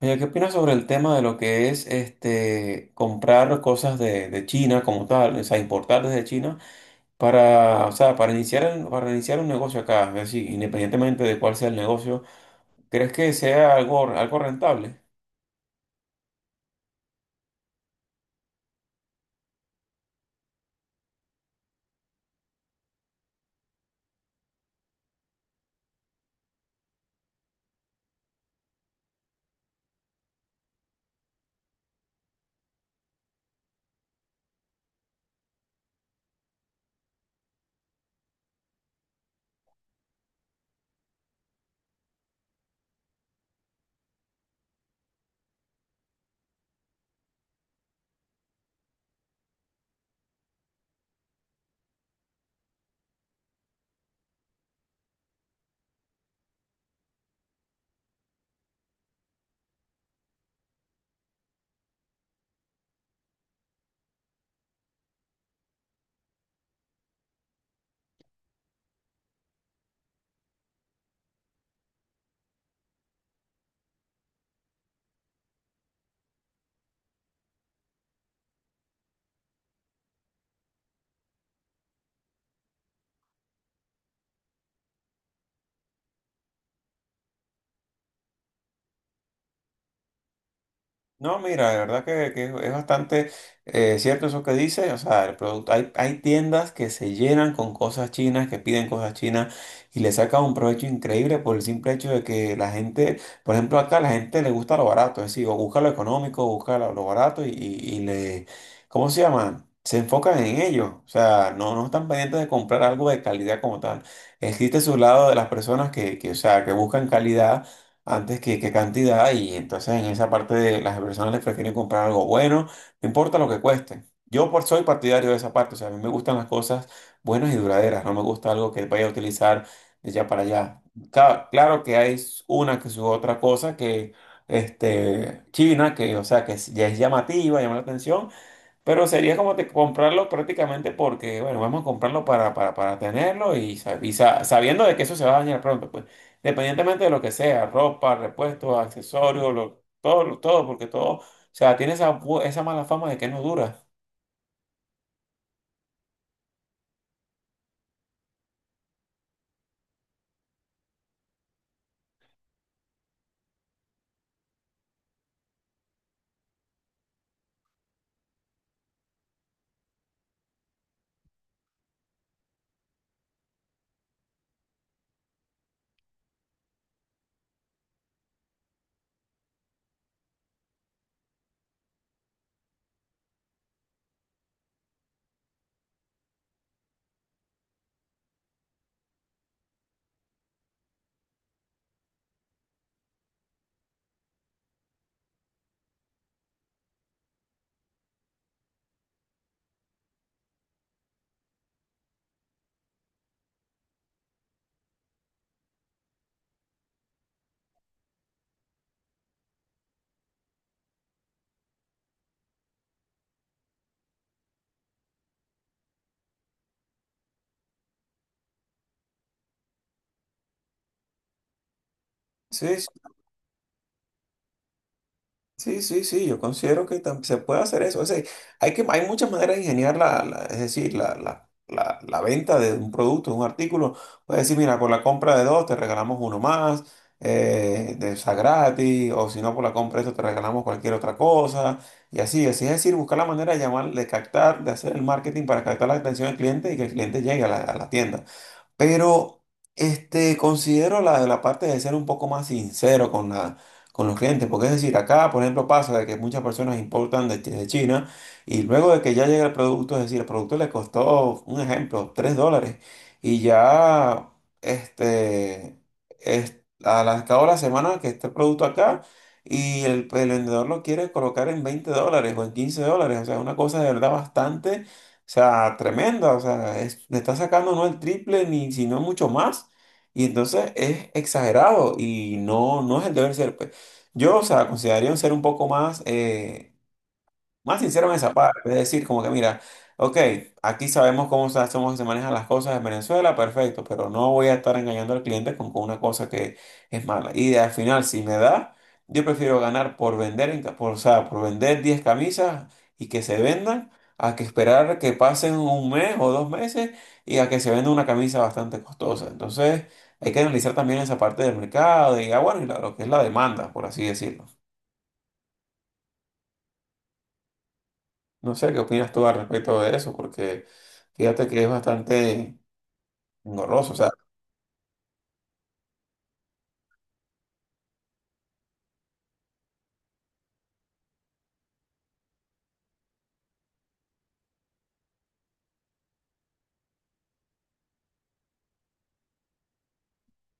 Oye, ¿qué opinas sobre el tema de lo que es este comprar cosas de China como tal? O sea, importar desde China para, o sea, para iniciar un negocio acá, es decir, independientemente de cuál sea el negocio, ¿crees que sea algo rentable? No, mira, de verdad que, es bastante cierto eso que dice. O sea, el producto, hay tiendas que se llenan con cosas chinas, que piden cosas chinas y le sacan un provecho increíble por el simple hecho de que la gente, por ejemplo, acá la gente le gusta lo barato, es decir, o busca lo económico, busca lo barato y le, ¿cómo se llama? Se enfocan en ello. O sea, no están pendientes de comprar algo de calidad como tal. Existe su lado de las personas o sea, que buscan calidad antes que qué cantidad, y entonces en esa parte de las personas les prefieren comprar algo bueno, no importa lo que cueste. Yo por soy partidario de esa parte, o sea, a mí me gustan las cosas buenas y duraderas, no me gusta algo que vaya a utilizar de ya para allá. Claro que hay una que su otra cosa que China que, o sea, que ya es llamativa, llama la atención, pero sería comprarlo prácticamente porque, bueno, vamos a comprarlo para tenerlo y, sabiendo de que eso se va a dañar pronto, pues, independientemente de lo que sea, ropa, repuestos, accesorios, todo, todo, porque todo, o sea, tiene esa mala fama de que no dura. Sí. Sí, yo considero se puede hacer eso. O sea, hay muchas maneras de ingeniar es decir, la venta de un producto, de un artículo. Puedes decir, mira, por la compra de dos te regalamos uno más, de esa gratis, o si no, por la compra de esto te regalamos cualquier otra cosa, y así, así es decir, buscar la manera de llamar, de captar, de hacer el marketing para captar la atención del cliente y que el cliente llegue a a la tienda. Pero considero la parte de ser un poco más sincero con, con los clientes, porque es decir, acá, por ejemplo, pasa de que muchas personas importan de, de China, y luego de que ya llega el producto, es decir, el producto le costó, un ejemplo, 3 dólares, y ya, este, es, a a cabo de la semana que está el producto acá, y el vendedor lo quiere colocar en 20 dólares o en 15 dólares. O sea, una cosa de verdad bastante, o sea, tremenda. O sea, le está sacando no el triple ni sino mucho más. Y entonces es exagerado y no es el deber ser, pues. Yo, o sea, consideraría un ser un poco más, más sincero en esa parte, es decir, como que mira, ok, aquí sabemos cómo se, somos, se manejan las cosas en Venezuela, perfecto, pero no voy a estar engañando al cliente con una cosa que es mala. Y al final, si me da, yo prefiero ganar por vender, o sea, por vender 10 camisas y que se vendan, a que esperar que pasen un mes o dos meses y a que se venda una camisa bastante costosa. Entonces, hay que analizar también esa parte del mercado y, ah, bueno, y lo que es la demanda, por así decirlo. No sé qué opinas tú al respecto de eso, porque fíjate que es bastante engorroso. O sea,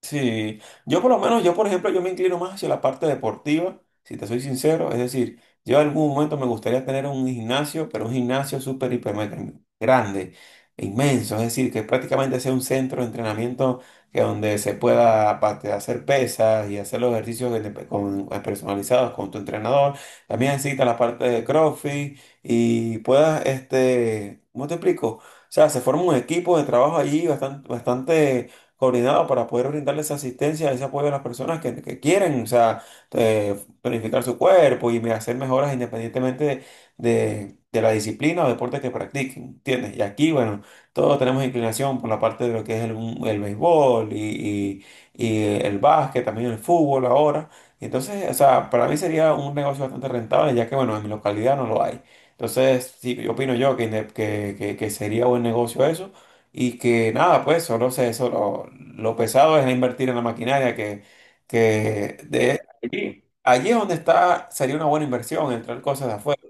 sí, yo por lo menos, yo por ejemplo, yo me inclino más hacia la parte deportiva, si te soy sincero, es decir, yo en algún momento me gustaría tener un gimnasio, pero un gimnasio súper, hiper, mega grande, inmenso, es decir, que prácticamente sea un centro de entrenamiento que donde se pueda aparte, hacer pesas y hacer los ejercicios personalizados con tu entrenador, también necesita la parte de CrossFit y puedas, ¿cómo te explico? O sea, se forma un equipo de trabajo allí bastante coordinado para poder brindarles asistencia, ese apoyo a las personas que quieren, o sea, eh, tonificar su cuerpo y hacer mejoras independientemente de, de la disciplina o deporte que practiquen, ¿entiendes? Y aquí, bueno, todos tenemos inclinación por la parte de lo que es el béisbol y el básquet, también el fútbol ahora. Entonces, o sea, para mí sería un negocio bastante rentable, ya que, bueno, en mi localidad no lo hay. Entonces, sí, yo opino yo que, que sería buen negocio eso. Y que nada, pues solo lo pesado es invertir en la maquinaria que de allí, allí es donde está, sería una buena inversión, entrar cosas de afuera.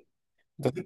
Entonces,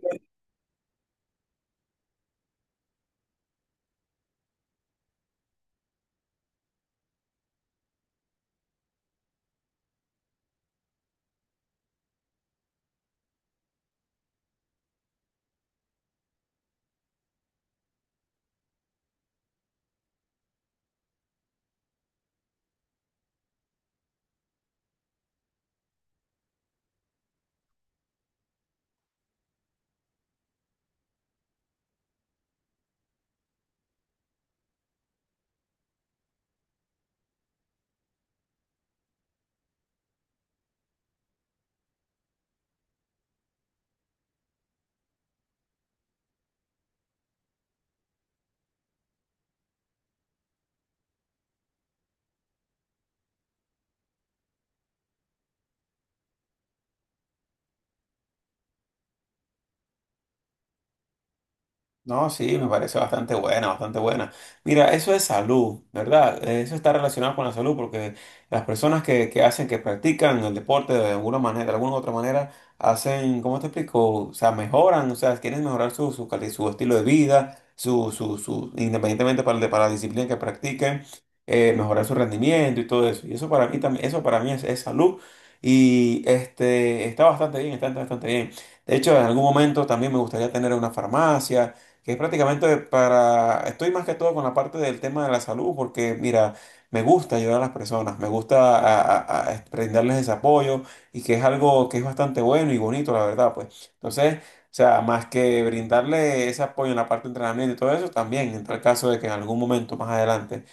no, sí, me parece bastante buena, bastante buena. Mira, eso es salud, ¿verdad? Eso está relacionado con la salud porque las personas que hacen, que practican el deporte de alguna manera, de alguna u otra manera, hacen, ¿cómo te explico? O sea, mejoran, o sea, quieren mejorar su estilo de vida, independientemente para, para la disciplina que practiquen, mejorar su rendimiento y todo eso. Y eso para mí también, eso para mí es salud, y este, está bastante bien, está bastante bien. De hecho, en algún momento también me gustaría tener una farmacia que es prácticamente para, estoy más que todo con la parte del tema de la salud, porque mira, me gusta ayudar a las personas, me gusta a brindarles ese apoyo, y que es algo que es bastante bueno y bonito, la verdad, pues. Entonces, o sea, más que brindarle ese apoyo en la parte de entrenamiento y todo eso, también entra el caso de que en algún momento más adelante,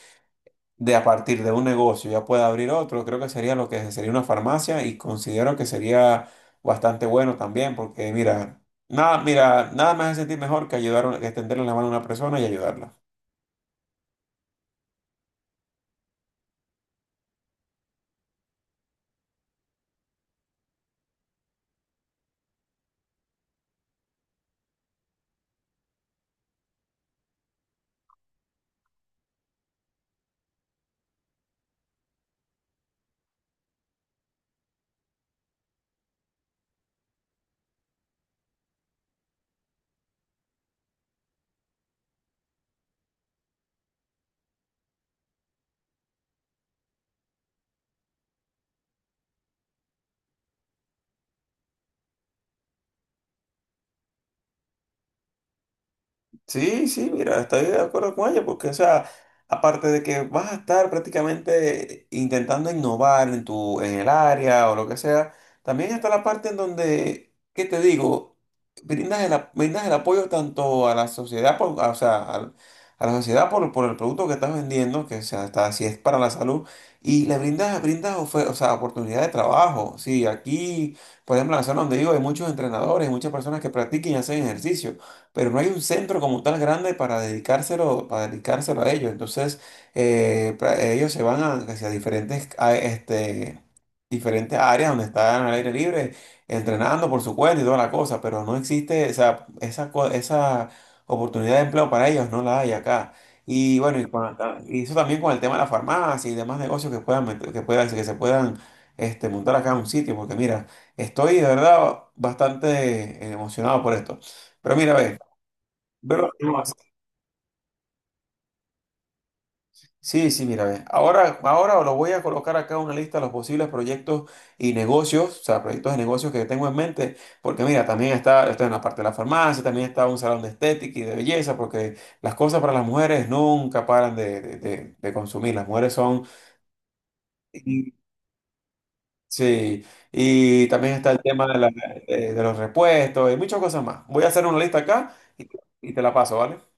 de a partir de un negocio ya pueda abrir otro, creo que sería lo que sería una farmacia, y considero que sería bastante bueno también, porque mira, nada me hace sentir mejor que ayudar, que extenderle la mano a una persona y ayudarla. Sí, sí, mira, estoy de acuerdo con ella, porque, o sea, aparte de que vas a estar prácticamente intentando innovar en tu, en el área o lo que sea, también está la parte en donde, ¿qué te digo? Brindas el apoyo tanto a la sociedad, o sea, la sociedad por el producto que estás vendiendo, que, o sea, está, si es para la salud, y le brindas, o sea, oportunidad de trabajo. Sí, aquí, por ejemplo, en la zona donde vivo hay muchos entrenadores, muchas personas que practiquen y hacen ejercicio, pero no hay un centro como tal grande para dedicárselo a ellos. Entonces, ellos se van a, hacia diferentes, diferentes áreas donde están al aire libre, entrenando por su cuenta y toda la cosa, pero no existe, o sea, esa oportunidad de empleo para ellos no la hay acá. Y bueno, y eso también con el tema de la farmacia y demás negocios que puedan, que se puedan montar acá en un sitio, porque mira, estoy de verdad bastante emocionado por esto. Pero mira, ve. Pero, no, sí, sí, mira, ve. Ahora os lo voy a colocar acá una lista de los posibles proyectos y negocios, o sea, proyectos de negocios que tengo en mente, porque mira, también está en la parte de la farmacia, también está un salón de estética y de belleza, porque las cosas para las mujeres nunca paran de, de consumir, las mujeres son... y- Sí, y también está el tema de, de los repuestos y muchas cosas más. Voy a hacer una lista acá y te la paso, ¿vale?